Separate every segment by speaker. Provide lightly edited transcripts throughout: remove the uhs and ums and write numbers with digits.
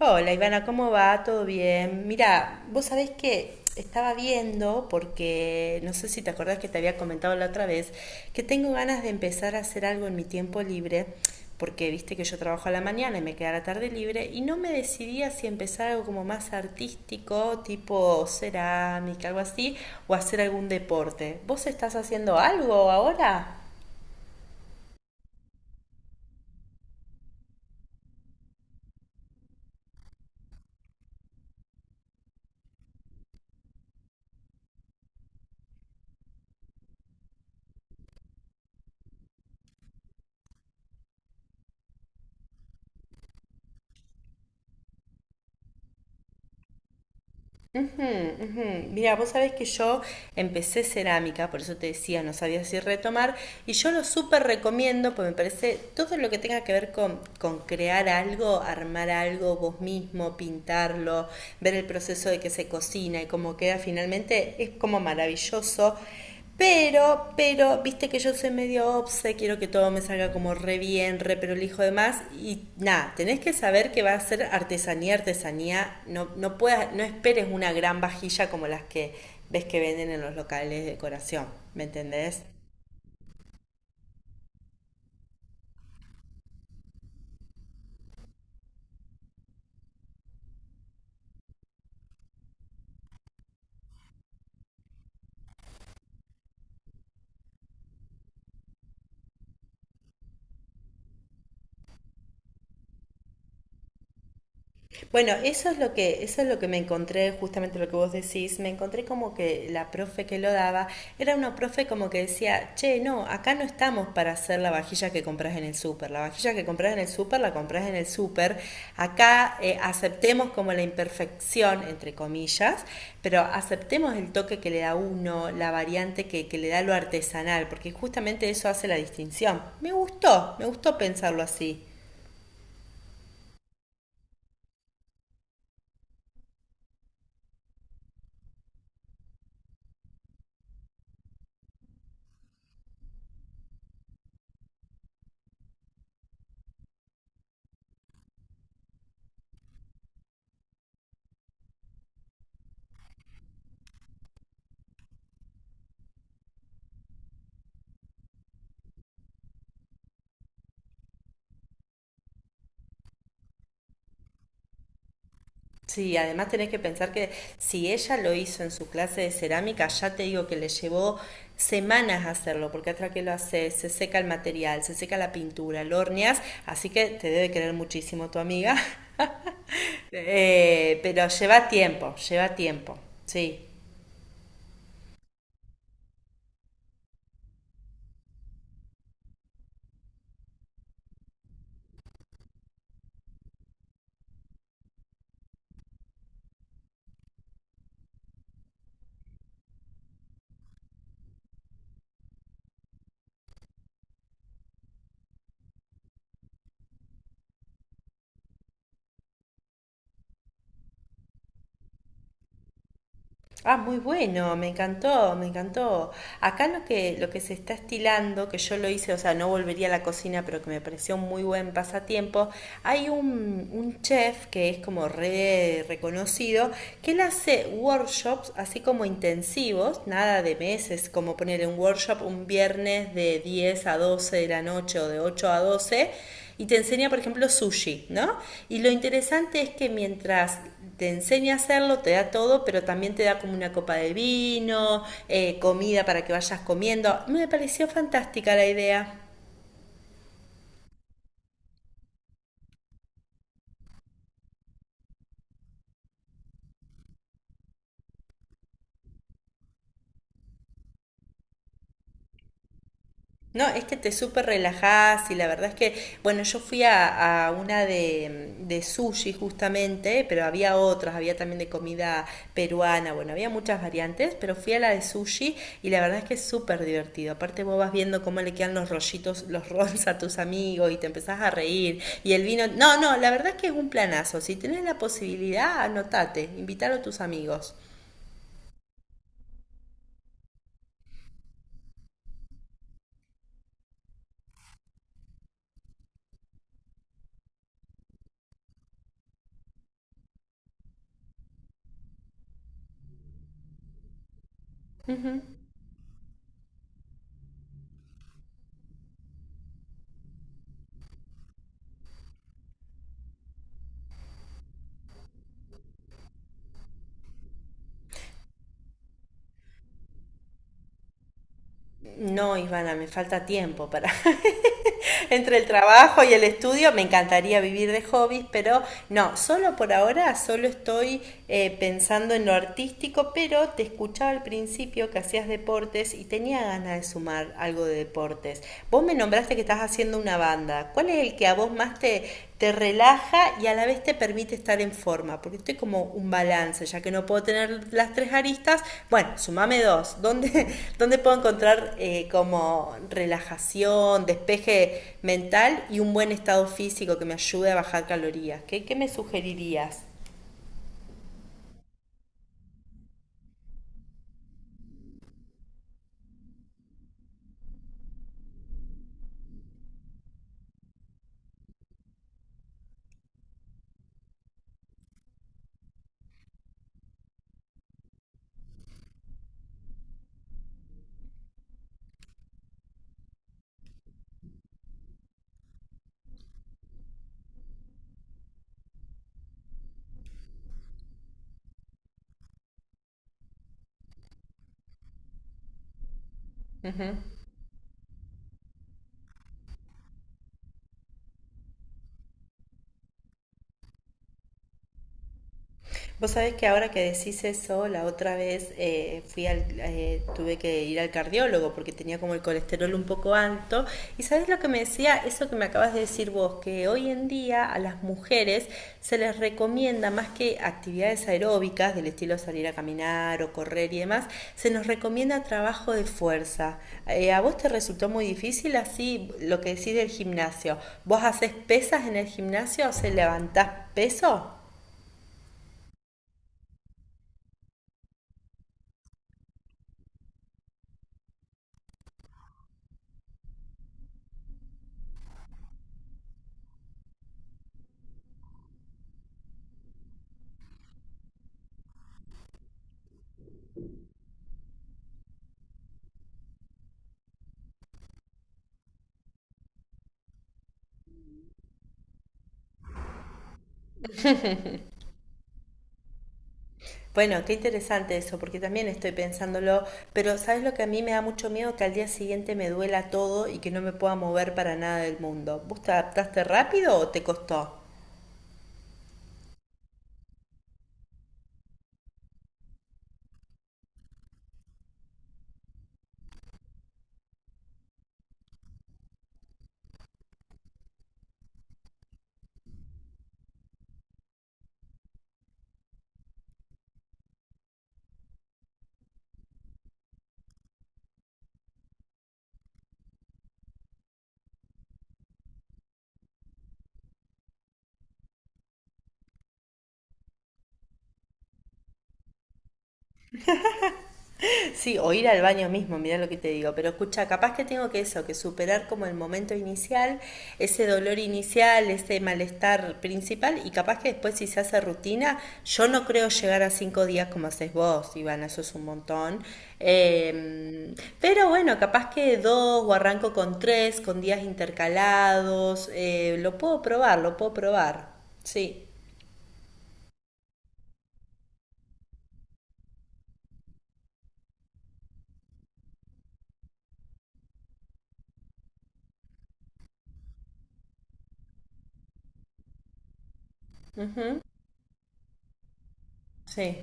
Speaker 1: Hola Ivana, ¿cómo va? ¿Todo bien? Mira, vos sabés que estaba viendo, porque no sé si te acordás que te había comentado la otra vez, que tengo ganas de empezar a hacer algo en mi tiempo libre, porque viste que yo trabajo a la mañana y me queda la tarde libre, y no me decidía si empezar algo como más artístico, tipo cerámica, algo así, o hacer algún deporte. ¿Vos estás haciendo algo ahora? Ujú, ujú. Mira, vos sabés que yo empecé cerámica, por eso te decía, no sabía si retomar, y yo lo súper recomiendo, porque me parece todo lo que tenga que ver con crear algo, armar algo vos mismo, pintarlo, ver el proceso de que se cocina y cómo queda finalmente, es como maravilloso. Pero, viste que yo soy medio obse, quiero que todo me salga como re bien, re pero hijo de más. Y nada, tenés que saber que va a ser artesanía, artesanía. No, no, puedas, no esperes una gran vajilla como las que ves que venden en los locales de decoración, ¿me entendés? Bueno, eso es lo que me encontré, justamente lo que vos decís, me encontré como que la profe que lo daba era una profe como que decía, che, no, acá no estamos para hacer la vajilla que compras en el súper, la vajilla que compras en el súper la compras en el súper, acá aceptemos como la imperfección, entre comillas, pero aceptemos el toque que le da uno, la variante que le da lo artesanal, porque justamente eso hace la distinción. Me gustó pensarlo así. Sí, además tenés que pensar que si ella lo hizo en su clase de cerámica, ya te digo que le llevó semanas hacerlo, porque hasta que lo haces, se seca el material, se seca la pintura, lo horneas, así que te debe querer muchísimo tu amiga. Pero lleva tiempo, sí. Ah, muy bueno, me encantó, me encantó. Acá lo que se está estilando, que yo lo hice, o sea, no volvería a la cocina, pero que me pareció un muy buen pasatiempo, hay un chef que es como re reconocido, que él hace workshops así como intensivos, nada de meses, como ponerle un workshop un viernes de 10 a 12 de la noche o de 8 a 12 y te enseña, por ejemplo, sushi, ¿no? Y lo interesante es que mientras te enseña a hacerlo, te da todo, pero también te da como una copa de vino, comida para que vayas comiendo. Me pareció fantástica la idea. No, es que te súper relajás y la verdad es que, bueno, yo fui a una de sushi justamente, pero había otras, había también de comida peruana, bueno, había muchas variantes, pero fui a la de sushi y la verdad es que es súper divertido. Aparte vos vas viendo cómo le quedan los rollitos, los rolls a tus amigos y te empezás a reír y el vino. No, no, la verdad es que es un planazo. Si tenés la posibilidad, anotate, invítalo a tus amigos. No, Ivana, me falta tiempo para, entre el trabajo y el estudio. Me encantaría vivir de hobbies, pero no, solo por ahora, solo estoy pensando en lo artístico, pero te escuchaba al principio que hacías deportes y tenía ganas de sumar algo de deportes. Vos me nombraste que estás haciendo una banda. ¿Cuál es el que a vos más te relaja y a la vez te permite estar en forma, porque estoy como un balance, ya que no puedo tener las tres aristas, bueno, sumame dos, ¿dónde, dónde puedo encontrar como relajación, despeje mental y un buen estado físico que me ayude a bajar calorías? ¿¿Qué me sugerirías? Vos sabés que ahora que decís eso, la otra vez tuve que ir al cardiólogo porque tenía como el colesterol un poco alto. ¿Y sabés lo que me decía? Eso que me acabas de decir vos, que hoy en día a las mujeres se les recomienda más que actividades aeróbicas del estilo salir a caminar o correr y demás, se nos recomienda trabajo de fuerza. ¿A vos te resultó muy difícil así lo que decís del gimnasio? ¿Vos haces pesas en el gimnasio? ¿Se levantás peso? Bueno, qué interesante eso, porque también estoy pensándolo, pero ¿sabes lo que a mí me da mucho miedo? Que al día siguiente me duela todo y que no me pueda mover para nada del mundo. ¿Vos te adaptaste rápido o te costó? Sí, o ir al baño mismo, mirá lo que te digo. Pero escucha, capaz que tengo que eso, que superar como el momento inicial, ese dolor inicial, ese malestar principal, y capaz que después si se hace rutina, yo no creo llegar a 5 días como haces vos, Ivana, eso es un montón. Eh, pero bueno, capaz que dos o arranco con tres, con días intercalados, lo puedo probar, lo puedo probar. Sí. Ujú, sí.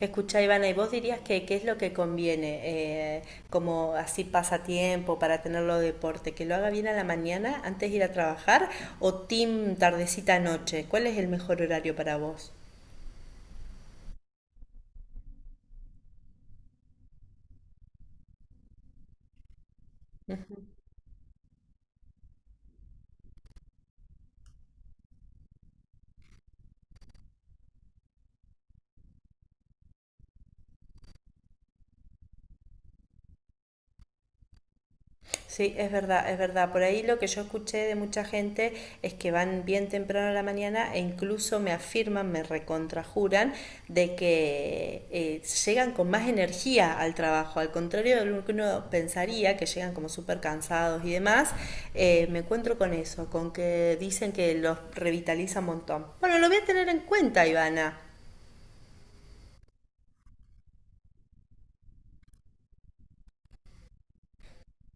Speaker 1: Escuchá Ivana, ¿y vos dirías que qué es lo que conviene como así pasatiempo para tenerlo de deporte? ¿Que lo haga bien a la mañana antes de ir a trabajar o team tardecita noche? ¿Cuál es el mejor horario para vos? Sí, es verdad, es verdad. Por ahí lo que yo escuché de mucha gente es que van bien temprano a la mañana e incluso me afirman, me recontrajuran de que llegan con más energía al trabajo. Al contrario de lo que uno pensaría, que llegan como súper cansados y demás, me encuentro con eso, con que dicen que los revitaliza un montón. Bueno, lo voy a tener en cuenta, Ivana.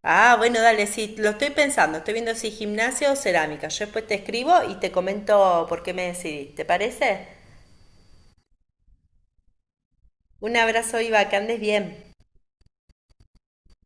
Speaker 1: Ah, bueno, dale, sí, lo estoy pensando. Estoy viendo si gimnasia o cerámica. Yo después te escribo y te comento por qué me decidí. ¿Te parece? Un abrazo, Iva, que andes bien.